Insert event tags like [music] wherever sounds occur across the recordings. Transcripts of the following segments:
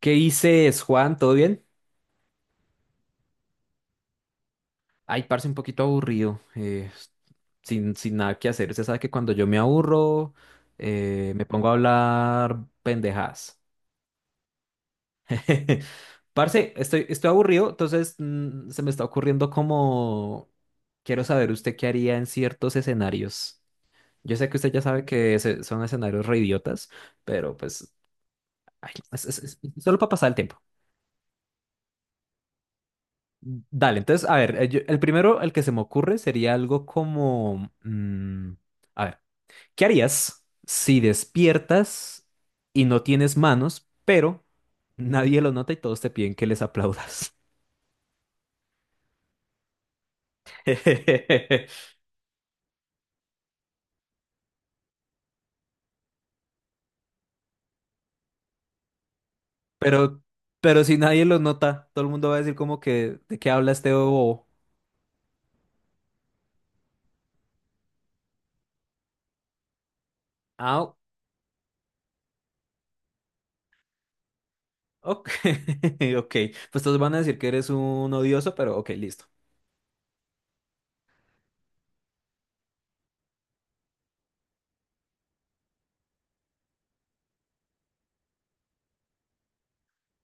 ¿Qué dices, Juan? ¿Todo bien? Ay, parce, un poquito aburrido, sin nada que hacer. Usted sabe que cuando yo me aburro, me pongo a hablar pendejadas. [laughs] Parce, estoy aburrido, entonces se me está ocurriendo como... Quiero saber usted qué haría en ciertos escenarios. Yo sé que usted ya sabe que son escenarios re idiotas, pero pues... ay, solo para pasar el tiempo. Dale, entonces, a ver, el primero, el que se me ocurre sería algo como, a ver, ¿qué harías si despiertas y no tienes manos, pero nadie lo nota y todos te piden que les aplaudas? [laughs] Pero, pero si nadie lo nota, todo el mundo va a decir como que, ¿de qué habla este bobo? Ah, ok, [laughs] ok, pues todos van a decir que eres un odioso, pero ok, listo.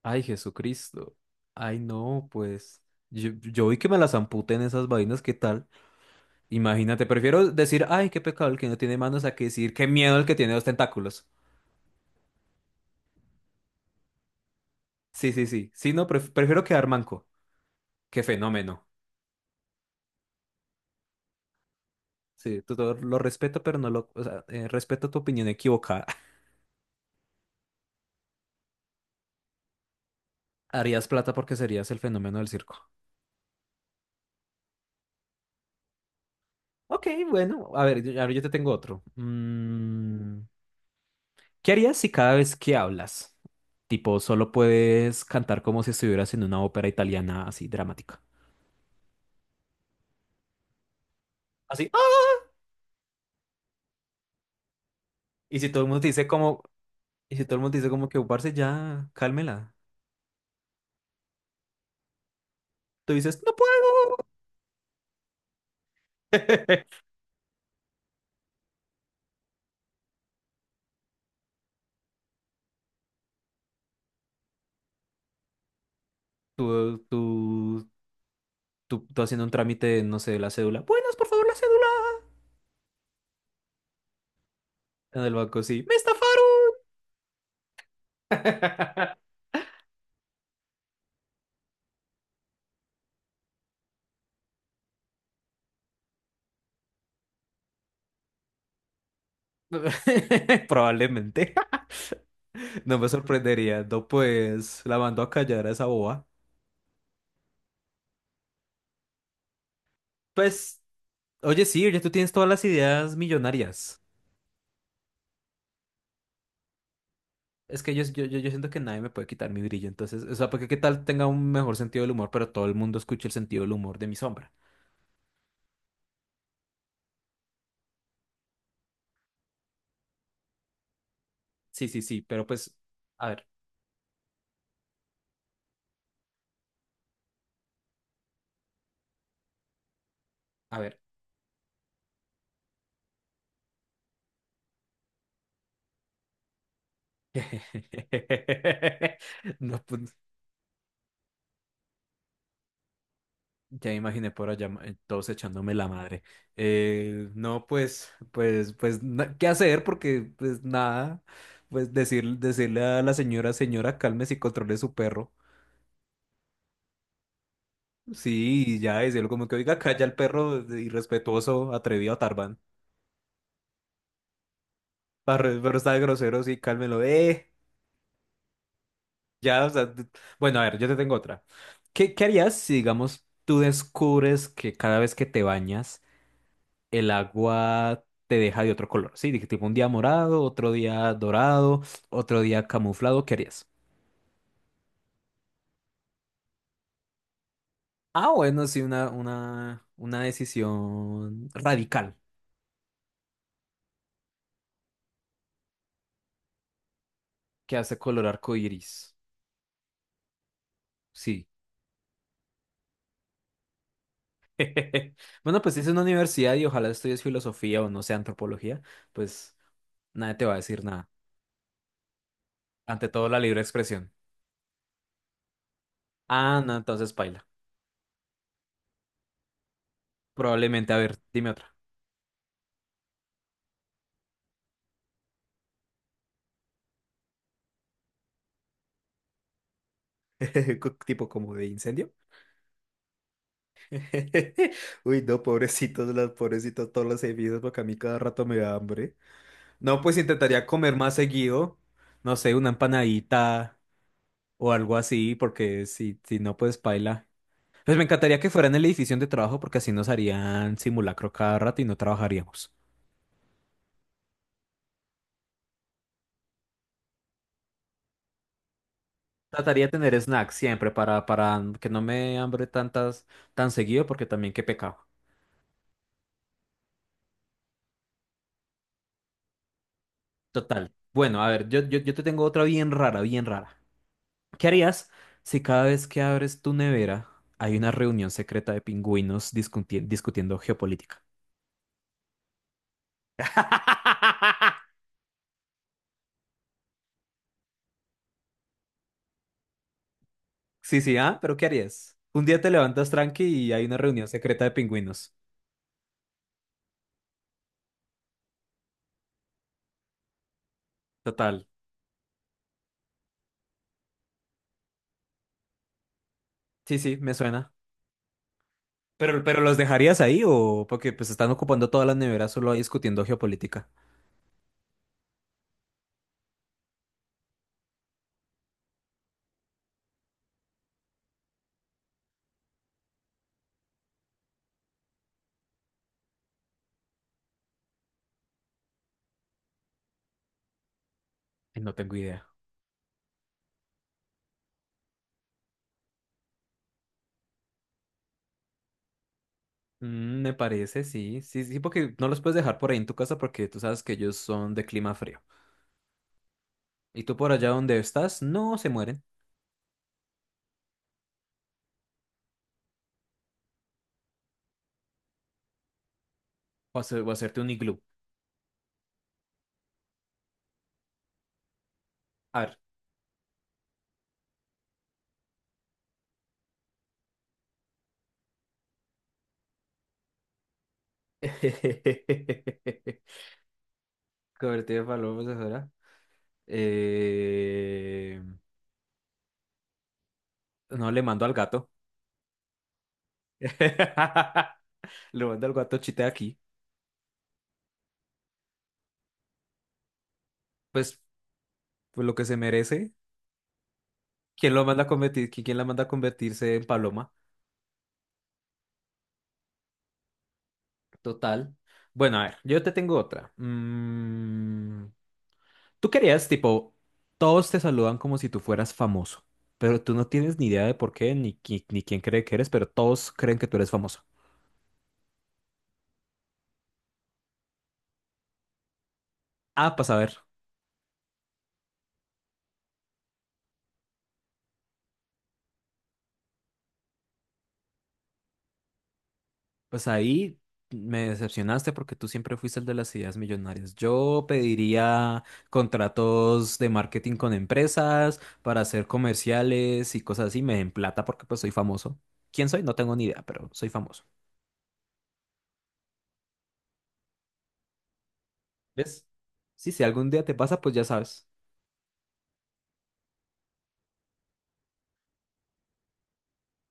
Ay, Jesucristo. Ay, no, pues. Yo vi que me las amputen esas vainas, ¿qué tal? Imagínate, prefiero decir, ay, qué pecado el que no tiene manos, a que decir, qué miedo el que tiene dos tentáculos. Sí, sí, sí. Sí, no, prefiero quedar manco. Qué fenómeno. Sí, tú todo lo respeto, pero no lo. O sea, respeto tu opinión equivocada. [laughs] Harías plata porque serías el fenómeno del circo. Ok, bueno, a ver, yo te tengo otro. Mm. ¿Qué harías si cada vez que hablas, tipo, solo puedes cantar como si estuvieras en una ópera italiana así dramática? Así. "Ah", Y si todo el mundo te dice como, y si todo el mundo te dice como que "Oh, parce ya, cálmela." Tú dices, no puedo. [laughs] Tú, tú, tú haciendo un trámite, no sé, de la cédula. Buenas, por favor, la cédula. En el banco, sí. Me estafaron. [laughs] Probablemente. [laughs] No me sorprendería. No, pues la mando a callar a esa boba. Pues. Oye, sí, ya tú tienes todas las ideas millonarias. Es que yo siento que nadie me puede quitar mi brillo, entonces, o sea, porque qué tal tenga un mejor sentido del humor, pero todo el mundo escuche el sentido del humor de mi sombra. Sí, sí, sí, pero pues, a ver, a ver. [laughs] No, pues, ya me imaginé por allá todos echándome la madre. No, pues, pues, pues, ¿qué hacer? Porque, pues, nada, pues decir, decirle a la señora, señora, cálmese y controle su perro. Sí, y ya decirlo como que, oiga, calla el perro irrespetuoso, atrevido, Tarban. Pero está de grosero, sí, cálmelo. Ya, o sea, bueno, a ver, yo te tengo otra. ¿Qué, qué harías si, digamos, tú descubres que cada vez que te bañas, el agua te deja de otro color? Sí, dije, tipo un día morado, otro día dorado, otro día camuflado, ¿qué harías? Ah, bueno, sí, una decisión radical que hace color arcoíris. Sí. [laughs] Bueno, pues si es una universidad y ojalá estudies filosofía o no sé, antropología, pues nadie te va a decir nada. Ante todo, la libre expresión. Ah, no, entonces paila. Probablemente, a ver, dime otra. [laughs] Tipo como de incendio. [laughs] Uy, no, pobrecitos, las pobrecitos, todos los servicios, porque a mí cada rato me da hambre. No, pues intentaría comer más seguido. No sé, una empanadita o algo así, porque si, si no, pues paila. Pues me encantaría que fuera en la edición de trabajo porque así nos harían simulacro cada rato y no trabajaríamos. Trataría de tener snacks siempre para que no me hambre tantas tan seguido porque también qué pecado. Total. Bueno, a ver, yo te tengo otra bien rara, bien rara. ¿Qué harías si cada vez que abres tu nevera hay una reunión secreta de pingüinos discutiendo geopolítica? [laughs] Sí, sí, ¿ah? ¿Pero qué harías? Un día te levantas tranqui y hay una reunión secreta de pingüinos. Total. Sí, sí, me suena. Pero ¿los dejarías ahí o porque pues están ocupando todas las neveras solo ahí discutiendo geopolítica? Ay, no tengo idea. Mm, me parece, sí, sí, sí, porque no los puedes dejar por ahí en tu casa porque tú sabes que ellos son de clima frío. Y tú por allá donde estás, no se mueren. O, o hacerte un iglú. A ver. [laughs] Cobertura de palomas de fuera. Eh, No, le mando al gato. [laughs] Le mando al gato chita aquí. Pues, pues lo que se merece. ¿Quién lo manda a convertir? ¿Quién la manda a convertirse en paloma? Total. Bueno, a ver, yo te tengo otra. Mm, tú querías, tipo, todos te saludan como si tú fueras famoso, pero tú no tienes ni idea de por qué, ni, ni quién cree que eres, pero todos creen que tú eres famoso. Ah, pues a ver. Pues ahí me decepcionaste porque tú siempre fuiste el de las ideas millonarias. Yo pediría contratos de marketing con empresas para hacer comerciales y cosas así. Me den plata porque pues soy famoso. ¿Quién soy? No tengo ni idea, pero soy famoso. ¿Ves? Sí, si algún día te pasa, pues ya sabes.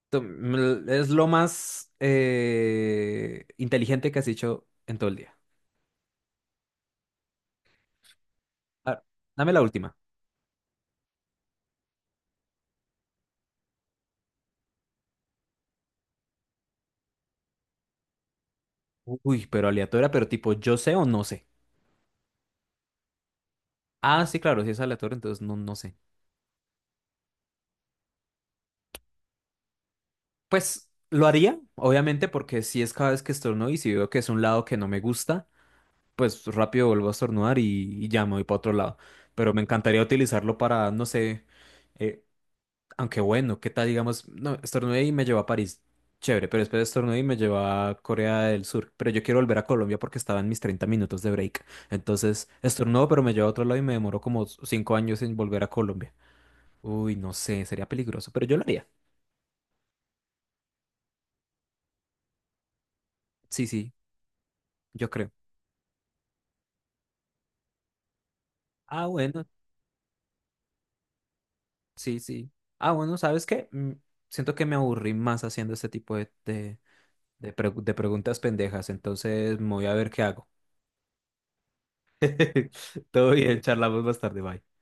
Es lo más inteligente que has hecho en todo el día. A ver, dame la última. Uy, pero aleatoria, pero tipo, ¿yo sé o no sé? Ah, sí, claro, si es aleatorio entonces no, no sé. Pues lo haría, obviamente, porque si es cada vez que estornudo y si veo que es un lado que no me gusta, pues rápido vuelvo a estornudar y ya me voy para otro lado. Pero me encantaría utilizarlo para, no sé, eh, aunque bueno, ¿qué tal? Digamos, no, estornudé y me llevó a París. Chévere, pero después estornudé y me llevó a Corea del Sur. Pero yo quiero volver a Colombia porque estaba en mis 30 minutos de break. Entonces, estornudo, pero me llevó a otro lado y me demoró como 5 años en volver a Colombia. Uy, no sé, sería peligroso, pero yo lo haría. Sí, sí, yo creo. Ah, bueno. Sí, sí. Ah, bueno, ¿sabes qué? Siento que me aburrí más haciendo este tipo de de preguntas pendejas, entonces me voy a ver qué hago. [laughs] Todo bien, charlamos más tarde, bye.